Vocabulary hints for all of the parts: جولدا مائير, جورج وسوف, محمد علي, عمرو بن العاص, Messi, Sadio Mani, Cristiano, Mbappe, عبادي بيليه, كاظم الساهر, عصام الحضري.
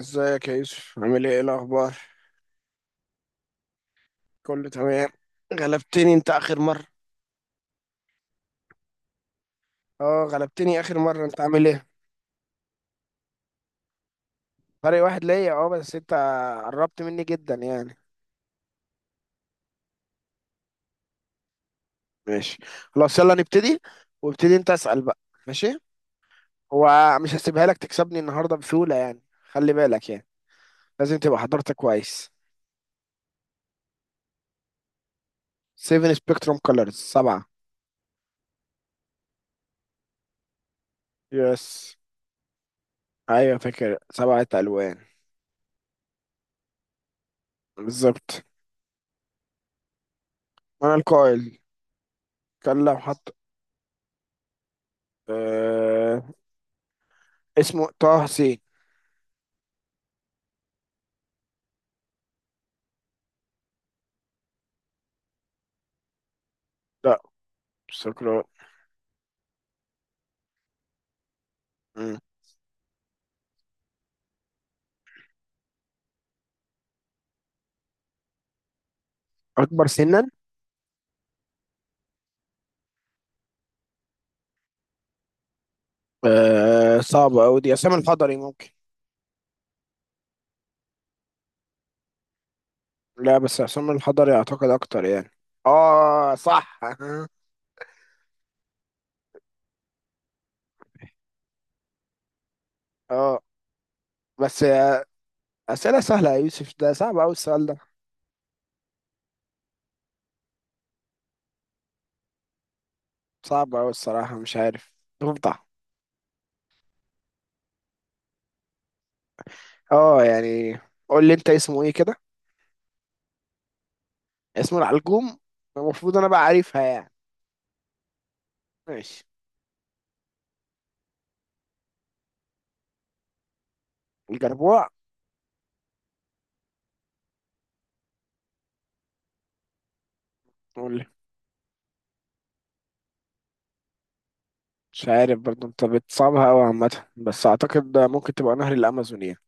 ازيك يا يوسف؟ عامل ايه؟ ايه الاخبار؟ كله تمام. غلبتني انت اخر مره. اه، غلبتني اخر مره. انت عامل ايه؟ فرق واحد ليا، اه، بس انت قربت مني جدا يعني. ماشي. خلاص، يلا نبتدي. وابتدي انت اسال بقى. ماشي. هو مش هسيبها لك تكسبني النهارده بسهوله يعني. خلي بالك يعني. لازم تبقى حضرتك كويس. 7 سبيكتروم كولرز سبعه. يس. ايوه، فاكر سبعه الوان. بالظبط. انا القائل. كان لو حط. آه... اسمه طه سي. لا. سكران. مم. أكبر سنا. صعبة أوي دي، عصام الحضري ممكن. لا، بس عصام الحضري أعتقد أكتر يعني. آه، صح. آه. بس أسئلة سهلة يا يوسف، ده صعب أوي السؤال ده. صعب أوي الصراحة، مش عارف. تفضح. آه، يعني. قول لي أنت اسمه إيه كده؟ اسمه العلجوم. المفروض أنا بقى عارفها يعني. ماشي. الجربوع. قول لي. مش عارف برضه، أنت بتصعبها أوي عامة، بس أعتقد ده ممكن تبقى نهر الأمازون يعني.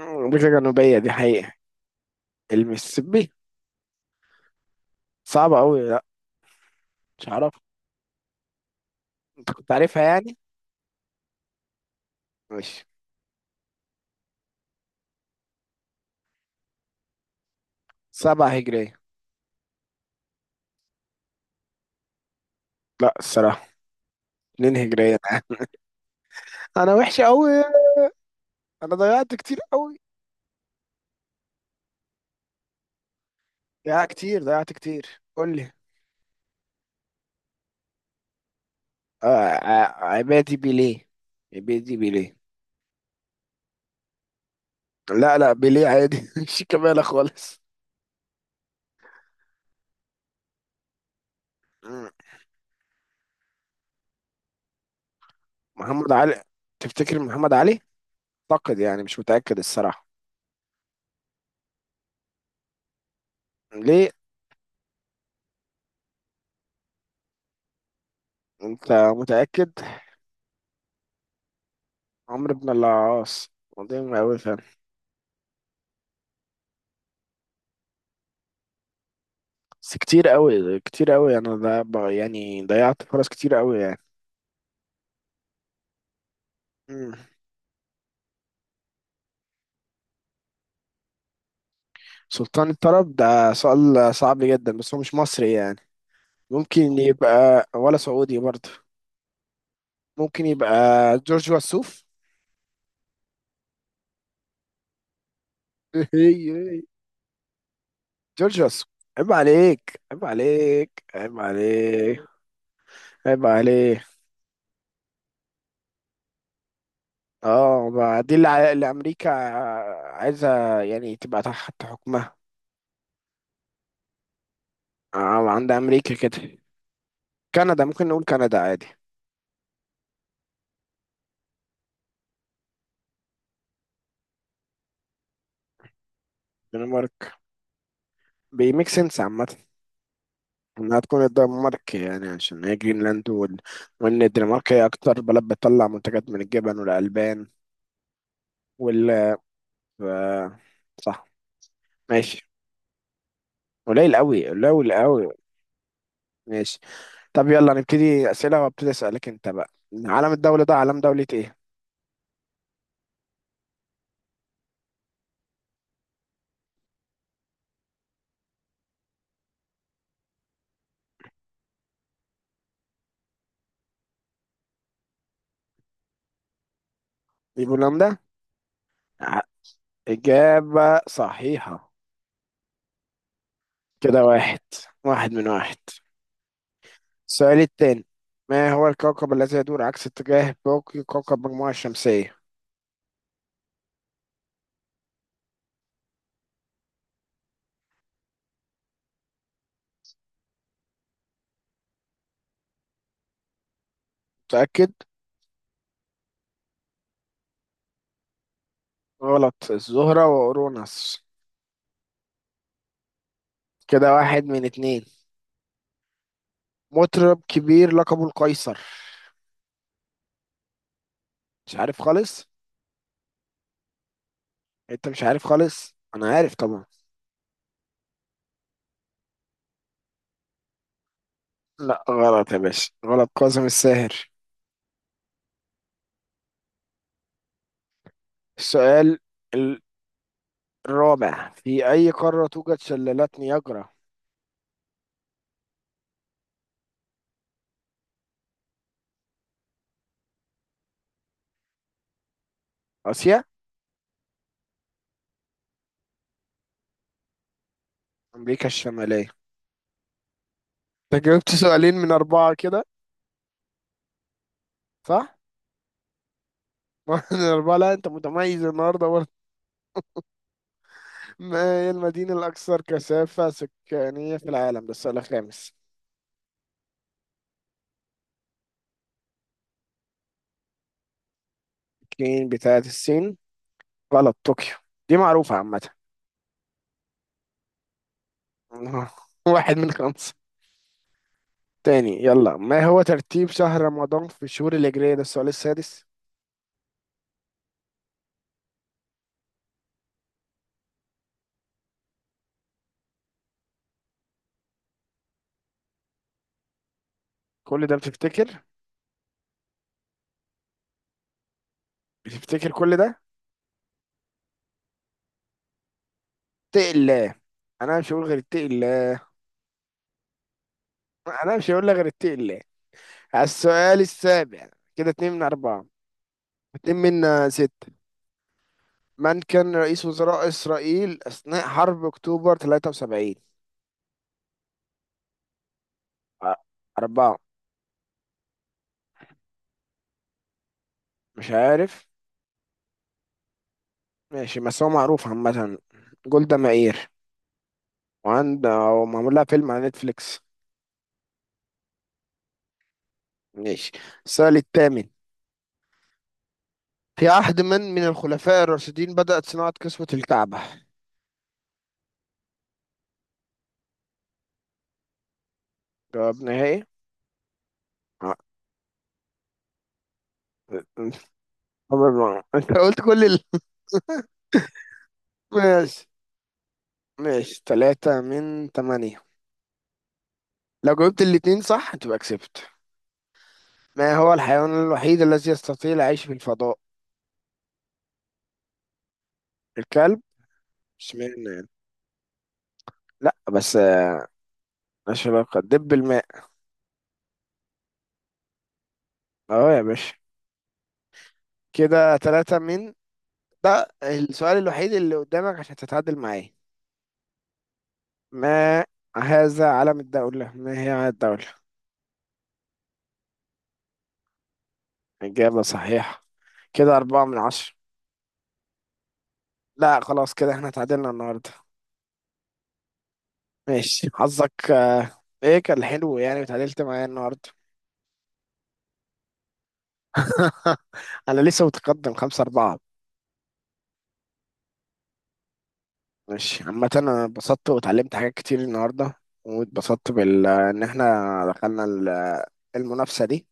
أمريكا الجنوبية دي حقيقة. المسيسيبي. صعبة أوي، لا. مش عارف. أنت كنت عارفها يعني. ماشي. سبعة هجرية. لا، الصراحة. اتنين هجرية. أنا وحش أوي. أنا ضيعت كتير أوي. ضيعت كتير، ضيعت كتير، قول لي. آه. عبادي بيليه. عبادي بيليه. لا، لا، بيليه عادي. مش كمالة خالص. مم. محمد علي. تفتكر محمد علي؟ أعتقد يعني مش متأكد الصراحة. ليه؟ أنت متأكد؟ عمرو بن العاص. قديم أوي فعلا. بس كتير قوي، كتير قوي، انا ده يعني ضيعت فرص كتير قوي يعني. مم. سلطان الطرب ده سؤال صعب جدا، بس هو مش مصري يعني. ممكن يبقى ولا سعودي برضه. ممكن يبقى. جورج وسوف. جورج وسوف. عيب عليك، عيب عليك، عيب عليك، عيب عليك. اه، بقى دي اللي امريكا عايزه يعني تبقى تحت حكمها. عند امريكا كده. كندا، ممكن نقول كندا عادي. دنمارك. بيميك سنس عامة. انها تكون الدنمارك يعني عشان هي جرينلاند. وان الدنمارك هي اكتر بلد بتطلع منتجات من الجبن والالبان. وال ف... صح. ماشي. قليل قوي، قليل قوي. ماشي. طب، يلا نبتدي اسئله وابتدي اسالك انت بقى. علم الدوله ده علم دوله ايه؟ بولندا. ع- اجابه صحيحه. كده واحد، واحد من واحد. السؤال التاني. ما هو الكوكب الذي يدور عكس اتجاه باقي كوكب المجموعه الشمسيه؟ متاكد؟ غلط، الزهرة وأوروناس. كده واحد من اتنين. مطرب كبير لقبه القيصر؟ مش عارف خالص. انت مش عارف خالص؟ انا عارف طبعا. لا غلط يا باشا، غلط، كاظم الساهر. السؤال الرابع، في أي قارة توجد شلالات نياجرا؟ آسيا؟ أمريكا الشمالية. انت جاوبت سؤالين من أربعة كده، صح؟ واحد من أربعة، لا أنت متميز النهاردة برضه. ما هي المدينة الأكثر كثافة سكانية في العالم؟ ده السؤال الخامس. الصين، بتاعت الصين. غلط، طوكيو. دي معروفة عامة. واحد من خمسة. تاني يلا، ما هو ترتيب شهر رمضان في الشهور الهجرية؟ ده السؤال السادس. كل ده بتفتكر؟ بتفتكر كل ده؟ اتق الله. انا مش هقول غير اتق الله. انا مش هقول لك غير اتق الله. على السؤال السابع. كده اتنين من اربعة. اتنين من ستة. من كان رئيس وزراء اسرائيل اثناء حرب اكتوبر 73؟ أ- اربعة. مش عارف. ماشي، بس هو معروف عامة. جولدا مائير. وعند، أو معمول لها فيلم على نتفليكس. ماشي. السؤال الثامن. في عهد من الخلفاء الراشدين بدأت صناعة كسوة الكعبة؟ جواب نهائي؟ آه. انت قلت كل. ماشي، ماشي، ثلاثة من ثمانية. لو جاوبت الاتنين صح تبقى كسبت. ما هو الحيوان الوحيد الذي يستطيع العيش في الفضاء؟ الكلب؟ اشمعنى يعني. لا بس ملهاش علاقة، دب الماء. اهو يا باشا. كده ثلاثة من. ده السؤال الوحيد اللي قدامك عشان تتعادل معاه. ما هذا علم الدولة؟ ما هي علم الدولة؟ إجابة صحيحة. كده أربعة من عشرة. لا خلاص، كده احنا اتعادلنا النهاردة. ماشي حظك. ايه، كان حلو يعني وتعادلت معايا النهاردة. أنا لسه متقدم خمسة أربعة. ماشي، عامة أنا اتبسطت واتعلمت حاجات كتير النهاردة. واتبسطت بال إن احنا دخلنا المنافسة دي.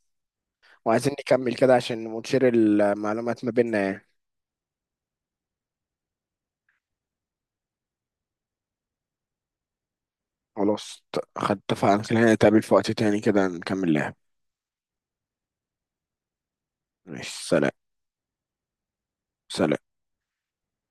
وعايزين نكمل كده عشان ونشير المعلومات ما بيننا يعني. خلاص خد اتفقنا خلينا نتقابل في وقت تاني كده نكمل لعب. ماشي، سلام. سلام.